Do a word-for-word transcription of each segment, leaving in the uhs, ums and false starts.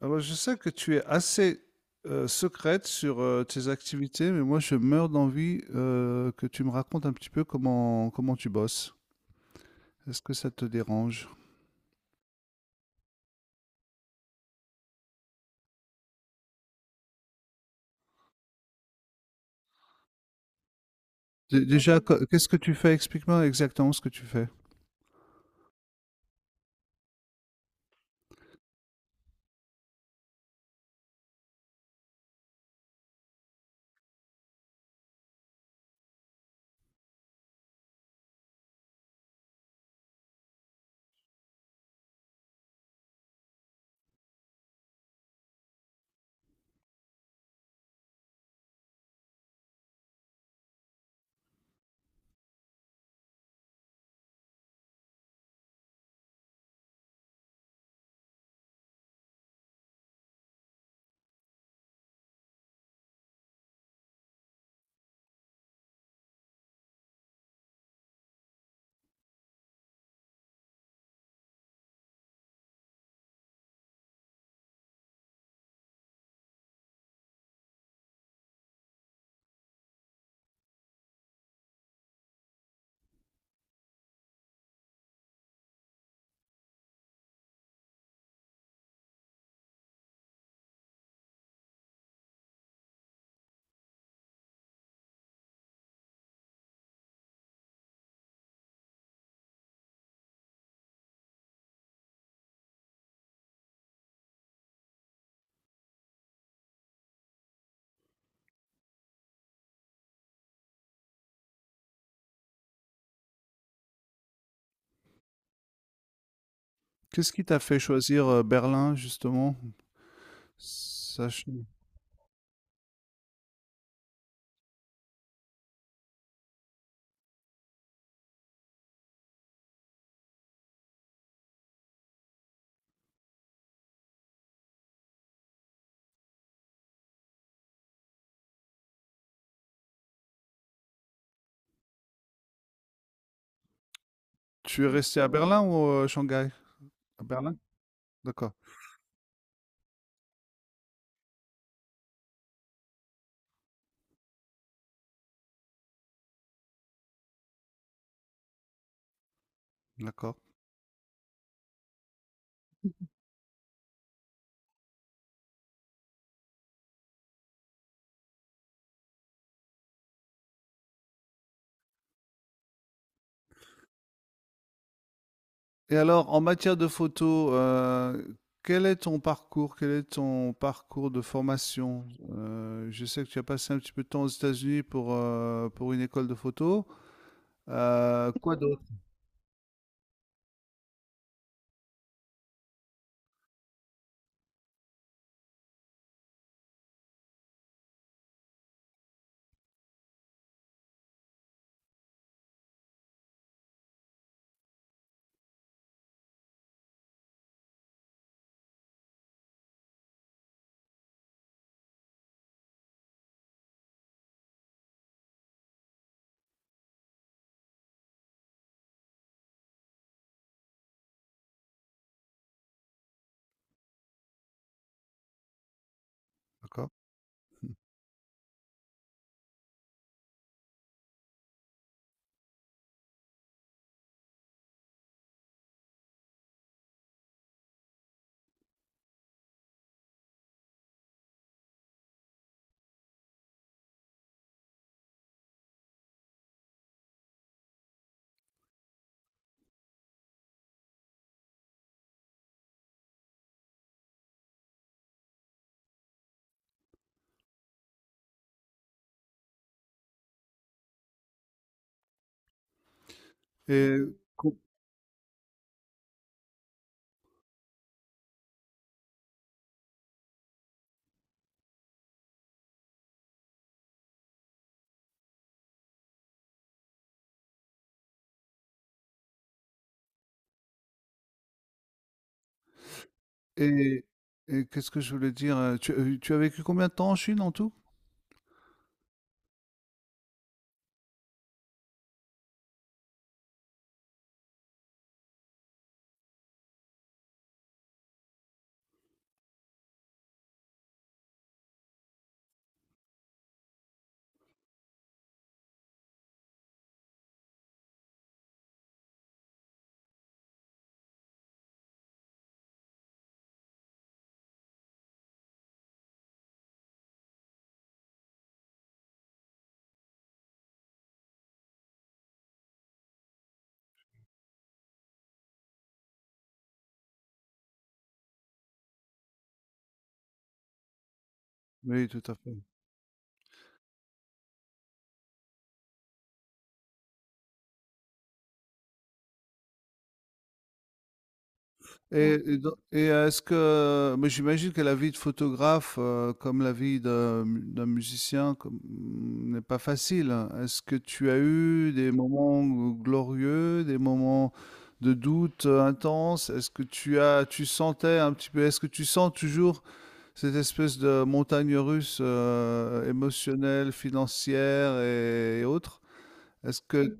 Alors, je sais que tu es assez euh, secrète sur euh, tes activités, mais moi, je meurs d'envie euh, que tu me racontes un petit peu comment, comment tu bosses. Est-ce que ça te dérange? Dé- Ah Déjà, ben, co- qu'est-ce que tu fais? Explique-moi exactement ce que tu fais. Qu'est-ce qui t'a fait choisir euh, Berlin, justement? Sach- Tu es resté à Berlin ou euh, Shanghai? À Berlin? D'accord, d'accord. Et alors, en matière de photo, heu, quel est ton parcours? Quel est ton parcours de formation? Heu, je sais que tu as passé un petit peu de temps aux États-Unis pour, heu, pour une école de photo. Heu, quoi d'autre? D'accord. Mmh. Et co et et qu'est-ce que je voulais dire? Heu, tu as tu as vécu combien de temps en Chine en tout? Oui, tout à fait. Mmh. Et Mm. et don et est-ce que, mais j'imagine que la vie de photographe, heu, comme la vie d'un d'un musicien, comme mm, n'est pas facile, hein. Est-ce que tu as eu des moments glorieux, des moments de doute, heu, intenses? Est-ce que tu as tu sentais un petit peu, est-ce que tu sens toujours cette espèce de montagne russe, heu, émotionnelle, financière et et autres? Est-ce que Mmh.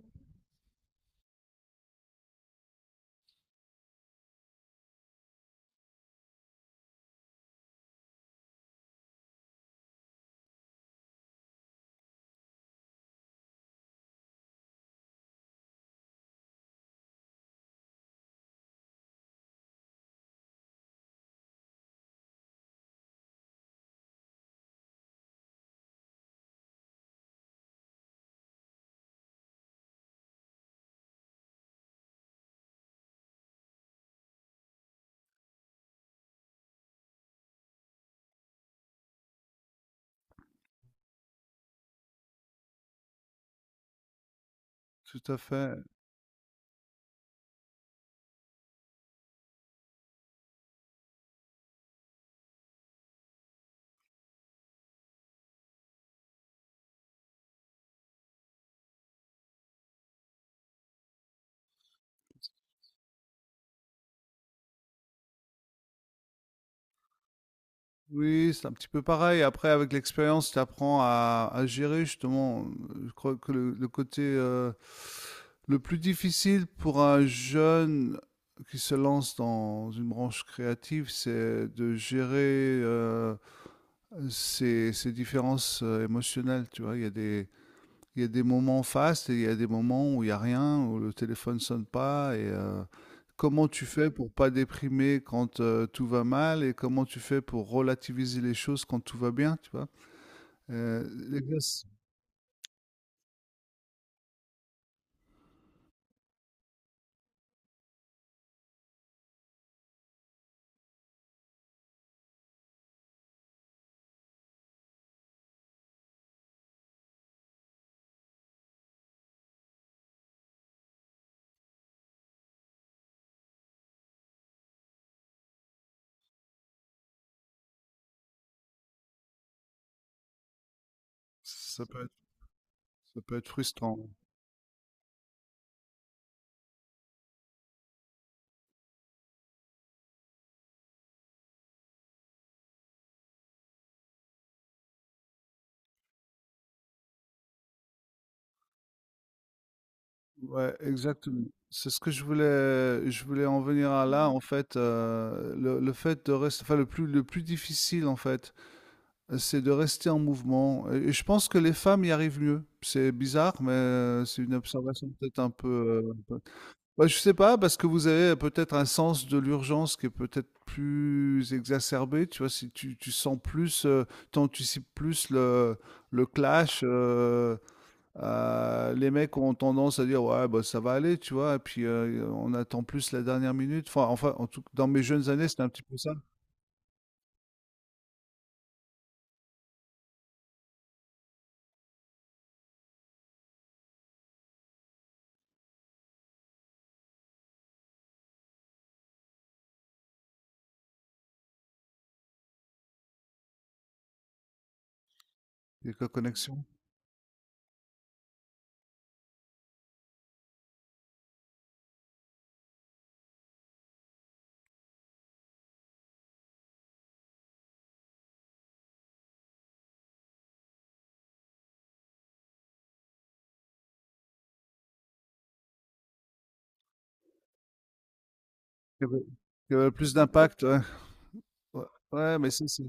Tout à fait. Oui, c'est un petit peu pareil. Après, avec l'expérience, tu apprends à, à gérer justement. euh, Je crois que le, le côté euh, le plus difficile pour un jeune qui se lance dans une branche créative, c'est de gérer euh, ses, ses différences euh, émotionnelles. Tu vois, il y a des, il y a des moments fastes et il y a des moments où il n'y a rien, où le téléphone sonne pas. Et euh, comment tu fais pour pas déprimer quand euh, tout va mal et comment tu fais pour relativiser les choses quand tout va bien, tu vois? Euh, L'exercice, ça peut être, ça peut être frustrant. Ouais, exactement. C'est ce que je voulais, je voulais en venir à là, en fait, euh, le, le fait de rester, enfin, le plus, le plus difficile, en fait, c'est de rester en mouvement. Et je pense que les femmes y arrivent mieux. C'est bizarre, mais euh, c'est une observation peut-être un peu, euh, un peu- Ouais, je sais pas, parce que vous avez peut-être un sens de l'urgence qui est peut-être plus exacerbé. Tu vois, si tu, tu sens plus, euh, t'anticipes plus le, le clash. Euh, euh, les mecs ont tendance à dire ouais, bah, ça va aller, tu vois. Et puis euh, on attend plus la dernière minute. Enfin, enfin, en tout, dans mes jeunes années, c'était un petit peu ça. Il y a que la connexion. Il y avait il y avait plus d'impact, ouais. Ouais, ouais, mais ça, c'est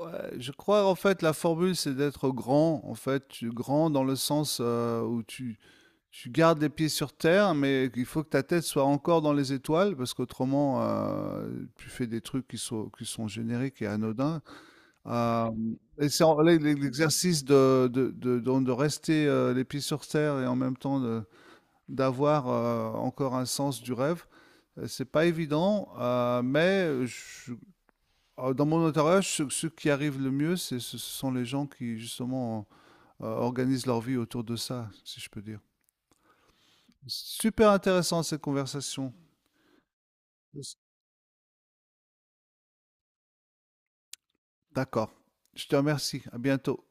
ouais, je crois, en fait, la formule, c'est d'être grand. En fait, tu grand dans le sens euh, où tu, tu gardes les pieds sur terre, mais il faut que ta tête soit encore dans les étoiles, parce qu'autrement, euh, tu fais des trucs qui sont, qui sont génériques et anodins. Euh, et c'est en- l'e- l'exercice de, de, de, de- de rester euh, les pieds sur terre et en même temps de- d'avoir euh, encore un sens du rêve. Euh, C'est pas évident, euh, mais je Euh, dans mon entourage, ceux, ceux qui arrivent le mieux, c'est- ce sont les gens qui justement euh, organisent leur vie autour de ça, si je peux dire. Super intéressant cette conversation. D'accord. Je te remercie. À bientôt.